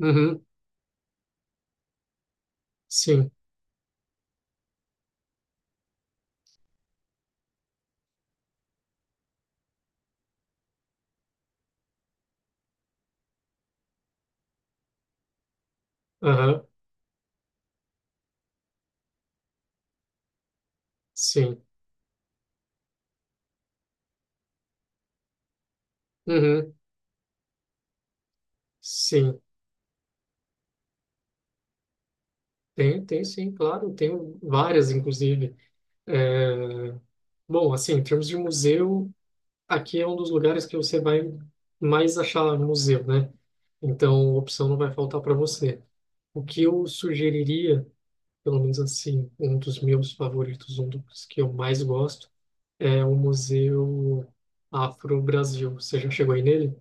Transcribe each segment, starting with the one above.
Uhum, sim, aham, sim, uhum, sim, tem sim, claro, tenho várias, inclusive. É, bom, assim, em termos de museu, aqui é um dos lugares que você vai mais achar museu, né? Então, opção não vai faltar para você. O que eu sugeriria, pelo menos assim, um dos meus favoritos, um dos que eu mais gosto, é o Museu Afro-Brasil. Você já chegou aí nele?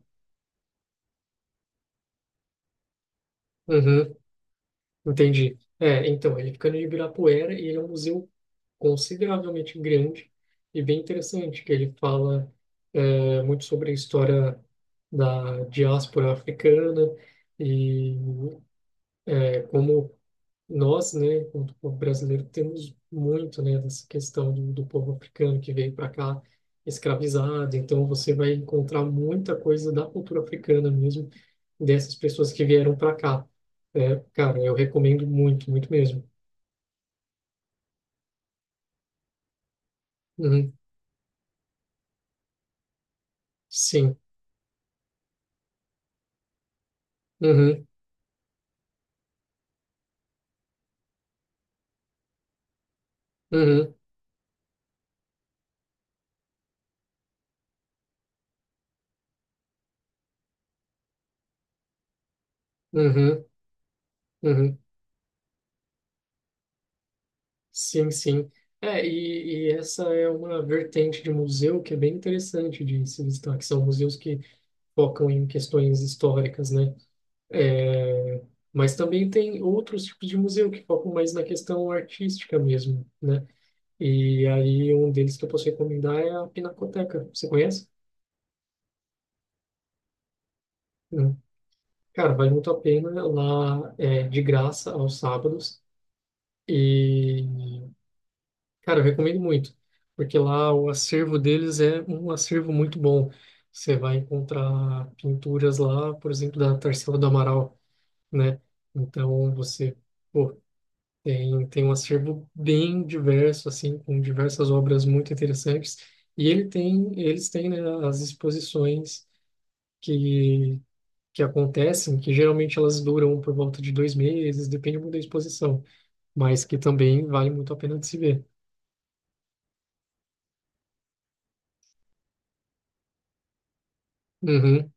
Entendi. É, então, ele fica no Ibirapuera e ele é um museu consideravelmente grande e bem interessante, que ele fala muito sobre a história da diáspora africana e nós, né, enquanto povo brasileiro, temos muito, né, dessa questão do povo africano que veio para cá escravizado. Então, você vai encontrar muita coisa da cultura africana mesmo, dessas pessoas que vieram para cá. É, cara, eu recomendo muito, muito mesmo. Uhum, sim. Uhum, uhum, uhum, uhum. Sim, sim. É, e essa é uma vertente de museu que é bem interessante de se visitar, que são museus que focam em questões históricas, né? É, mas também tem outros tipos de museu que focam mais na questão artística mesmo, né? E aí um deles que eu posso recomendar é a Pinacoteca. Você conhece? Não. Cara, vale muito a pena. Lá é de graça aos sábados. E, cara, eu recomendo muito, porque lá o acervo deles é um acervo muito bom. Você vai encontrar pinturas lá, por exemplo, da Tarsila do Amaral, né? Então você, pô, tem um acervo bem diverso, assim, com diversas obras muito interessantes. E ele tem, eles têm, né, as exposições que, que acontecem, que geralmente elas duram por volta de 2 meses, depende muito da exposição, mas que também vale muito a pena de se ver. Uhum,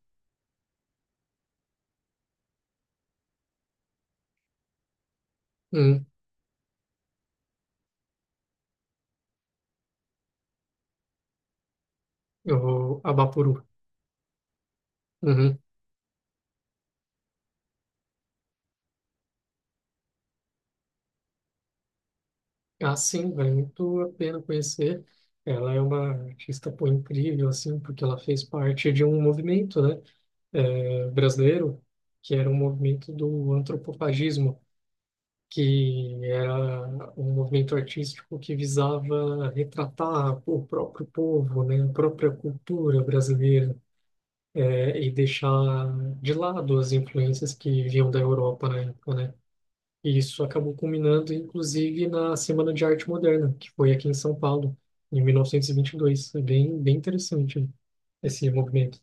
uhum, o Abapuru. Uhum. Ah, sim, vale muito a pena conhecer. Ela é uma artista, pô, incrível, assim, porque ela fez parte de um movimento, né? Brasileiro, que era um movimento do antropofagismo, que era um movimento artístico que visava retratar o próprio povo, né, a própria cultura brasileira, e deixar de lado as influências que vinham da Europa na época, né? E isso acabou culminando, inclusive, na Semana de Arte Moderna, que foi aqui em São Paulo, em 1922. É bem, bem interessante esse movimento.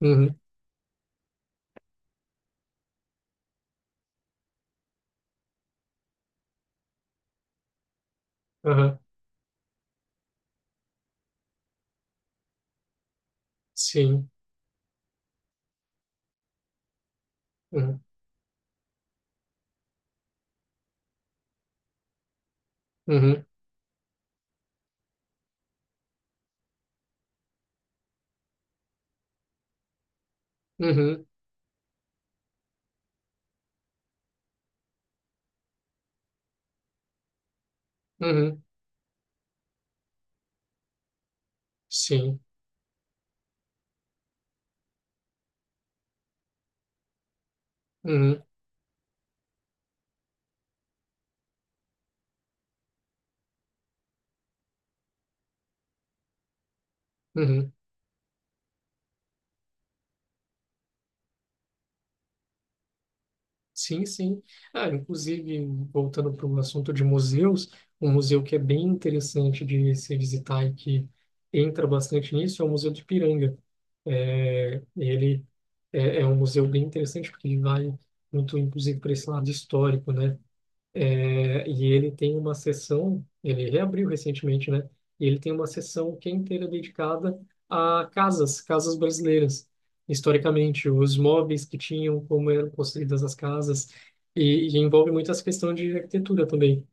Uhum, aham, sim. Uhum, uhum. Uhum, uhum, sim, uhum, uhum, sim, sim. Ah, inclusive, voltando para o assunto de museus, um museu que é bem interessante de se visitar e que entra bastante nisso é o Museu de Ipiranga. É, ele é um museu bem interessante porque ele vai muito, inclusive, para esse lado histórico, né? É, e ele tem uma sessão, ele reabriu recentemente, né? E ele tem uma sessão que é inteira dedicada a casas, casas brasileiras. Historicamente, os móveis que tinham, como eram construídas as casas, e envolve muito essa questão de arquitetura também.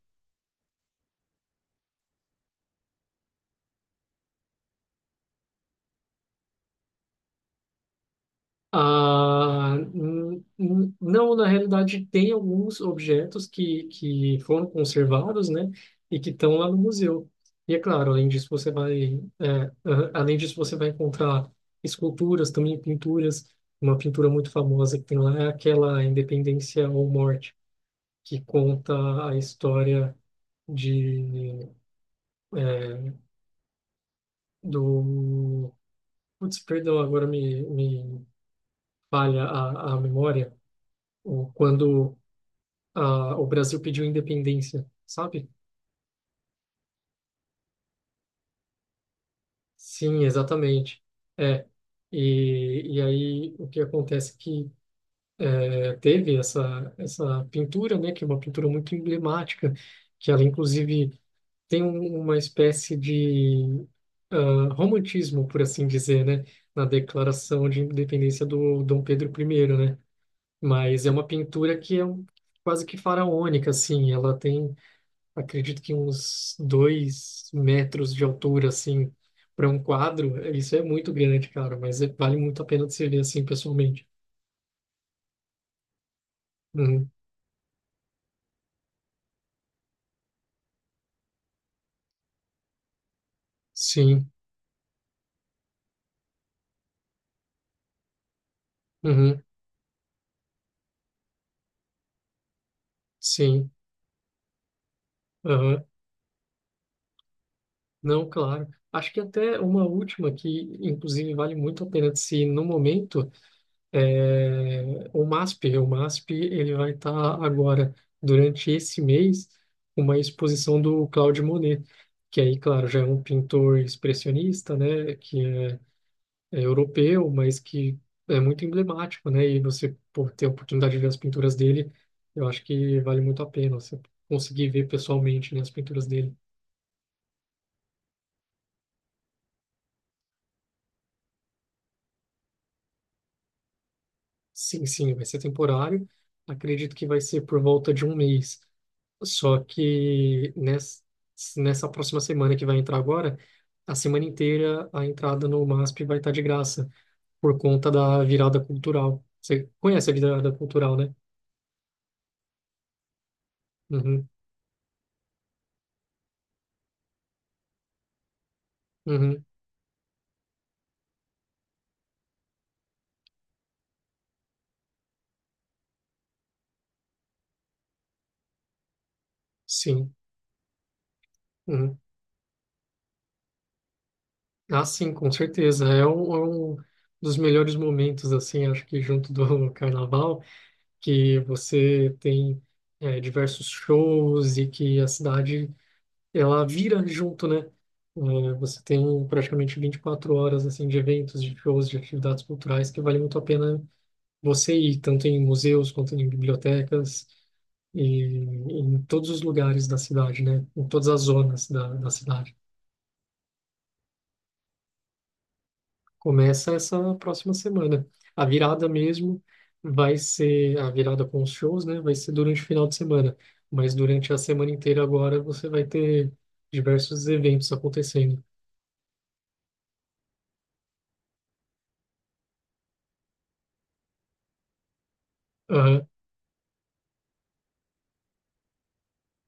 Ah, não, na realidade, tem alguns objetos que foram conservados, né, e que estão lá no museu. E é claro, além disso, você vai, é, ah, além disso, você vai encontrar esculturas, também pinturas. Uma pintura muito famosa que tem lá é aquela Independência ou Morte, que conta a história de, é, do... Putz, perdão, agora me falha a memória. Quando o Brasil pediu independência, sabe? Sim, exatamente. É. E aí o que acontece é que teve essa pintura, né, que é uma pintura muito emblemática, que ela inclusive tem uma espécie de romantismo, por assim dizer, né, na declaração de independência do Dom Pedro I, né? Mas é uma pintura que é quase que faraônica, assim. Ela tem acredito que uns 2 metros de altura, assim, para um quadro, isso é muito grande, cara, mas vale muito a pena de se ver assim pessoalmente. Uhum. Sim, uhum. Sim, aham. Não, claro. Acho que até uma última que, inclusive, vale muito a pena de se ir no momento, é o MASP. O MASP, ele vai estar agora, durante esse mês, uma exposição do Claude Monet, que aí, claro, já é um pintor expressionista, né, que europeu, mas que é muito emblemático, né? E você por ter a oportunidade de ver as pinturas dele, eu acho que vale muito a pena você conseguir ver pessoalmente, né, as pinturas dele. Sim, sim, vai ser temporário. Acredito que vai ser por volta de um mês. Só que nessa próxima semana que vai entrar agora, a semana inteira a entrada no MASP vai estar de graça, por conta da virada cultural. Você conhece a virada cultural, né? Uhum, uhum, sim. Uhum. Ah, sim, com certeza. É um dos melhores momentos, assim, acho que junto do carnaval, que você tem diversos shows e que a cidade, ela vira junto, né? É, você tem praticamente 24 horas, assim, de eventos, de shows, de atividades culturais que vale muito a pena você ir, tanto em museus quanto em bibliotecas e em todos os lugares da cidade, né? Em todas as zonas da cidade. Começa essa próxima semana. A virada mesmo vai ser a virada com os shows, né? Vai ser durante o final de semana, mas durante a semana inteira agora você vai ter diversos eventos acontecendo. Aham,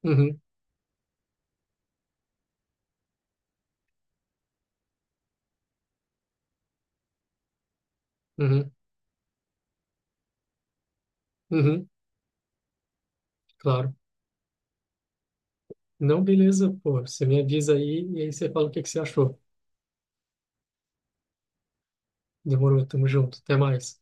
uhum, uhum, uhum, claro. Não, beleza, pô. Você me avisa aí e aí você fala o que que você achou. Demorou, tamo junto. Até mais.